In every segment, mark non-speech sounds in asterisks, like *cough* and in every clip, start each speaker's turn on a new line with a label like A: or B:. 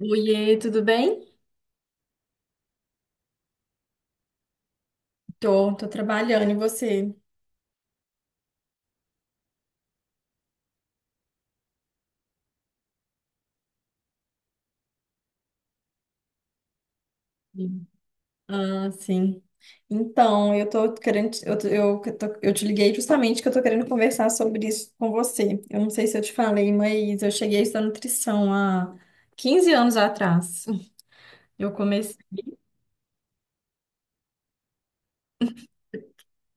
A: Oiê, tudo bem? Tô trabalhando e você? Sim. Ah, sim. Então, eu tô querendo, eu, tô- eu, que tô- eu te liguei justamente que eu tô querendo conversar sobre isso com você. Eu não sei se eu te falei, mas eu cheguei a estudar nutrição há 15 anos atrás. Eu comecei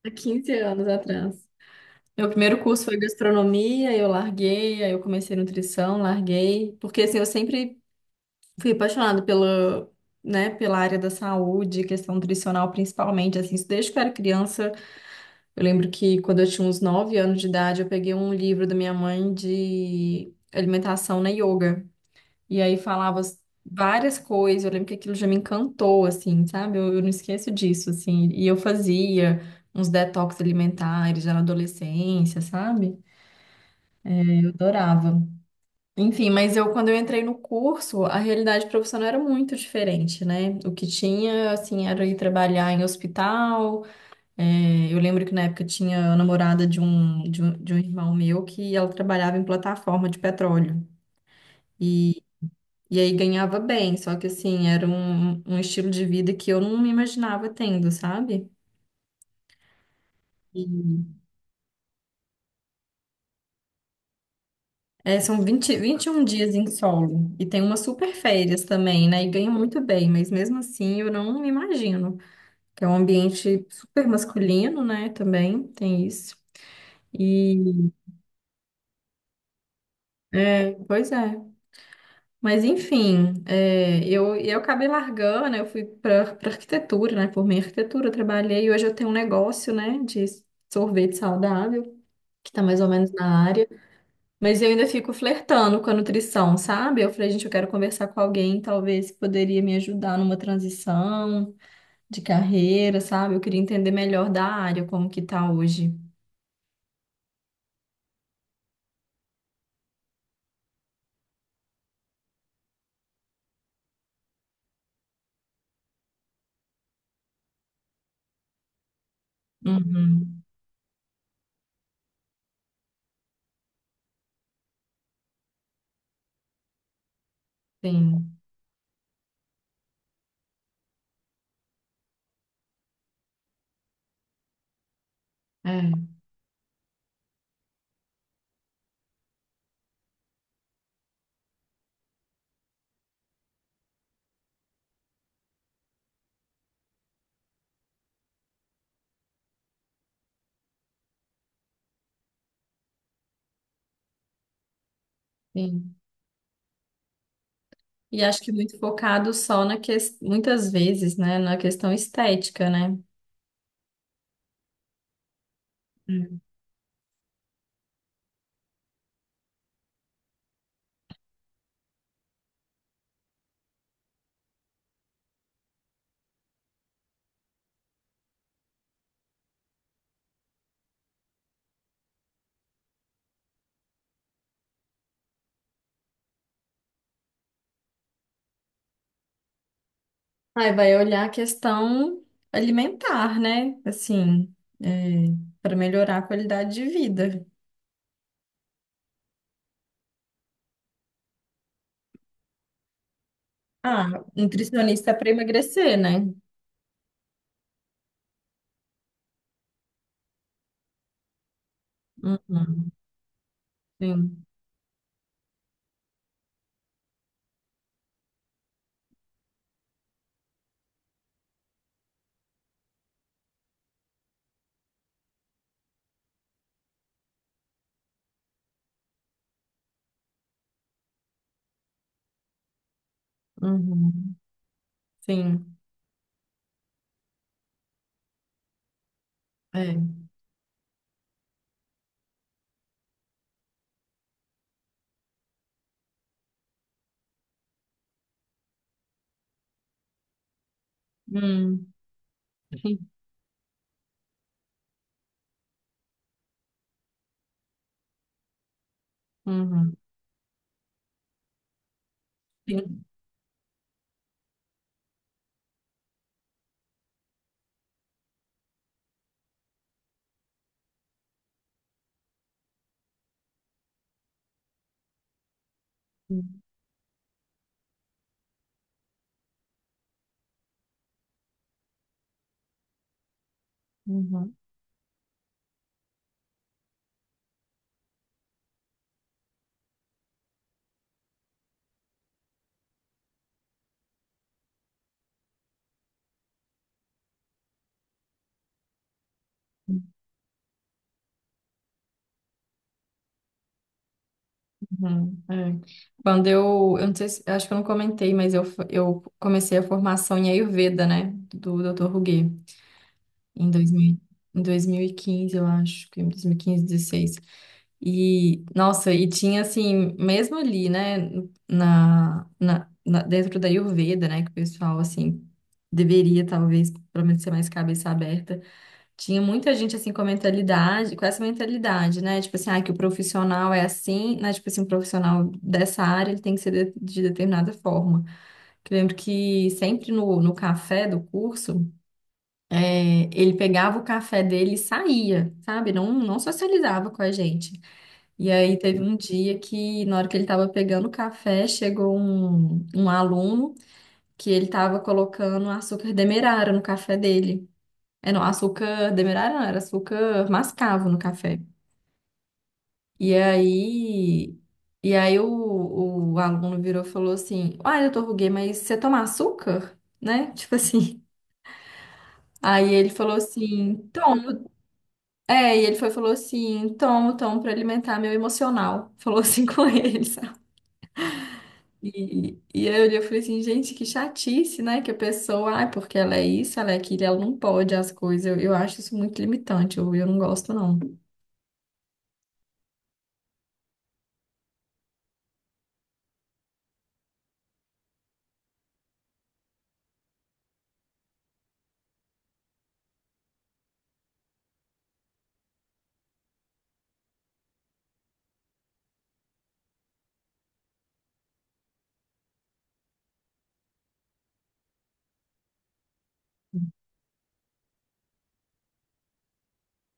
A: há 15 anos atrás. Meu primeiro curso foi gastronomia, eu larguei, aí eu comecei nutrição, larguei, porque assim, eu sempre fui apaixonada pela, né, pela área da saúde, questão nutricional principalmente, assim, isso desde que eu era criança. Eu lembro que quando eu tinha uns 9 anos de idade, eu peguei um livro da minha mãe de alimentação na yoga. E aí falava várias coisas, eu lembro que aquilo já me encantou, assim, sabe? Eu não esqueço disso, assim. E eu fazia uns detox alimentares já na adolescência, sabe? Eu adorava. Enfim, mas eu quando eu entrei no curso, a realidade profissional era muito diferente, né? O que tinha, assim, era ir trabalhar em hospital. É, eu lembro que na época tinha a namorada de um irmão meu que ela trabalhava em plataforma de petróleo. E, e aí ganhava bem, só que assim, era um estilo de vida que eu não me imaginava tendo, sabe? E é, são 20, 21 dias em solo. E tem umas super férias também, né? E ganha muito bem, mas mesmo assim eu não me imagino. Que é um ambiente super masculino, né? Também tem isso. E é, pois é. Mas enfim, eu acabei largando, né, eu fui para arquitetura, né? Formei em arquitetura, trabalhei e hoje eu tenho um negócio, né, de sorvete saudável, que tá mais ou menos na área. Mas eu ainda fico flertando com a nutrição, sabe? Eu falei, gente, eu quero conversar com alguém, talvez que poderia me ajudar numa transição de carreira, sabe? Eu queria entender melhor da área, como que tá hoje. Uhum. Sim, é, sim. E acho que muito focado só na questão, muitas vezes, né, na questão estética, né? Hum. Aí vai olhar a questão alimentar, né? Assim, é, para melhorar a qualidade de vida. Ah, nutricionista para emagrecer, né? Uhum, sim, uhum, sim, é. Hum, sim, uhum, sim, sim, uhum. Uhum, é. Quando eu não sei se, eu acho que eu não comentei, mas eu comecei a formação em Ayurveda, né, do doutor Ruguê, em dois mil em 2015 eu acho, que em 2015, 16. E, quinze, dezesseis. E, nossa, tinha assim, mesmo ali, né, dentro da Ayurveda, né, que o pessoal, assim, deveria talvez, pelo menos, ser mais cabeça aberta. Tinha muita gente assim com a mentalidade, com essa mentalidade, né? Tipo assim, ah, que o profissional é assim, né? Tipo assim, um profissional dessa área, ele tem que ser de determinada forma. Que eu lembro que sempre no café do curso, é, ele pegava o café dele e saía, sabe? Não, não socializava com a gente. E aí teve um dia que, na hora que ele estava pegando o café, chegou um aluno que ele estava colocando açúcar demerara no café dele. É, não, açúcar demerara não, era açúcar mascavo no café. E aí, e aí o aluno virou e falou assim: Ah, doutor Ruguê, mas você toma açúcar? Né? Tipo assim. *laughs* Aí ele falou assim: Tomo. É, e ele foi e falou assim: Tomo, tomo pra alimentar meu emocional. Falou assim *laughs* com ele, sabe? E aí eu olhei e falei assim: Gente, que chatice, né? Que a pessoa, ai, porque ela é isso, ela é aquilo, ela não pode as coisas. Eu acho isso muito limitante, eu não gosto, não.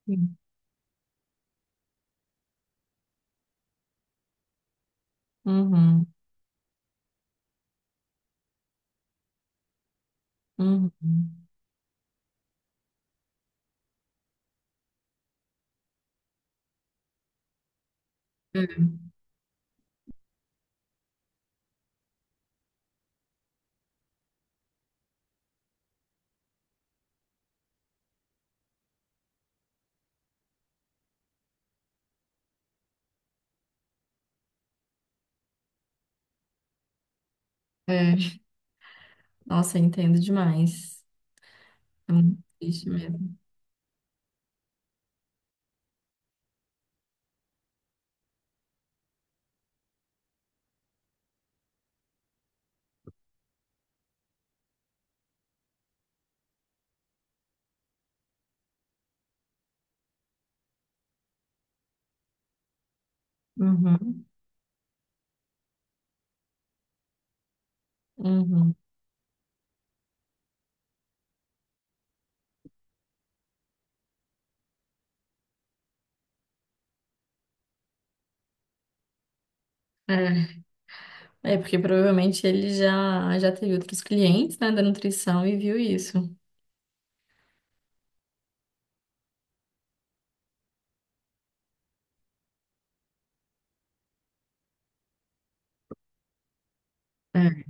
A: Sim. Uhum. Uhum. É, é. Nossa, eu entendo demais. É muito triste mesmo. Uhum, uhum. É, é porque provavelmente ele já teve outros clientes, né, da nutrição e viu isso. É.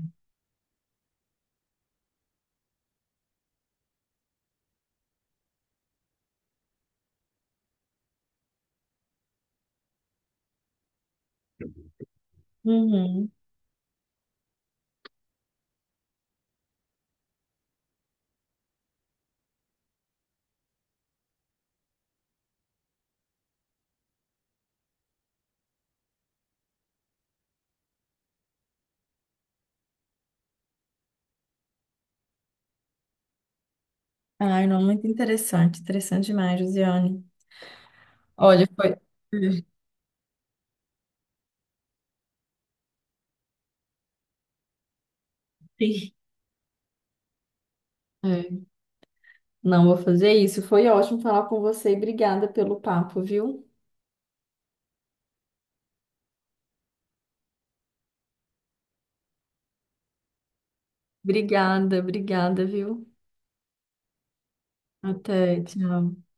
A: Uhum. Ai, não, muito interessante, interessante demais, Josiane. Olha, foi. Sim. É. Não vou fazer isso. Foi ótimo falar com você e obrigada pelo papo, viu? Obrigada, obrigada, viu? Até, tchau.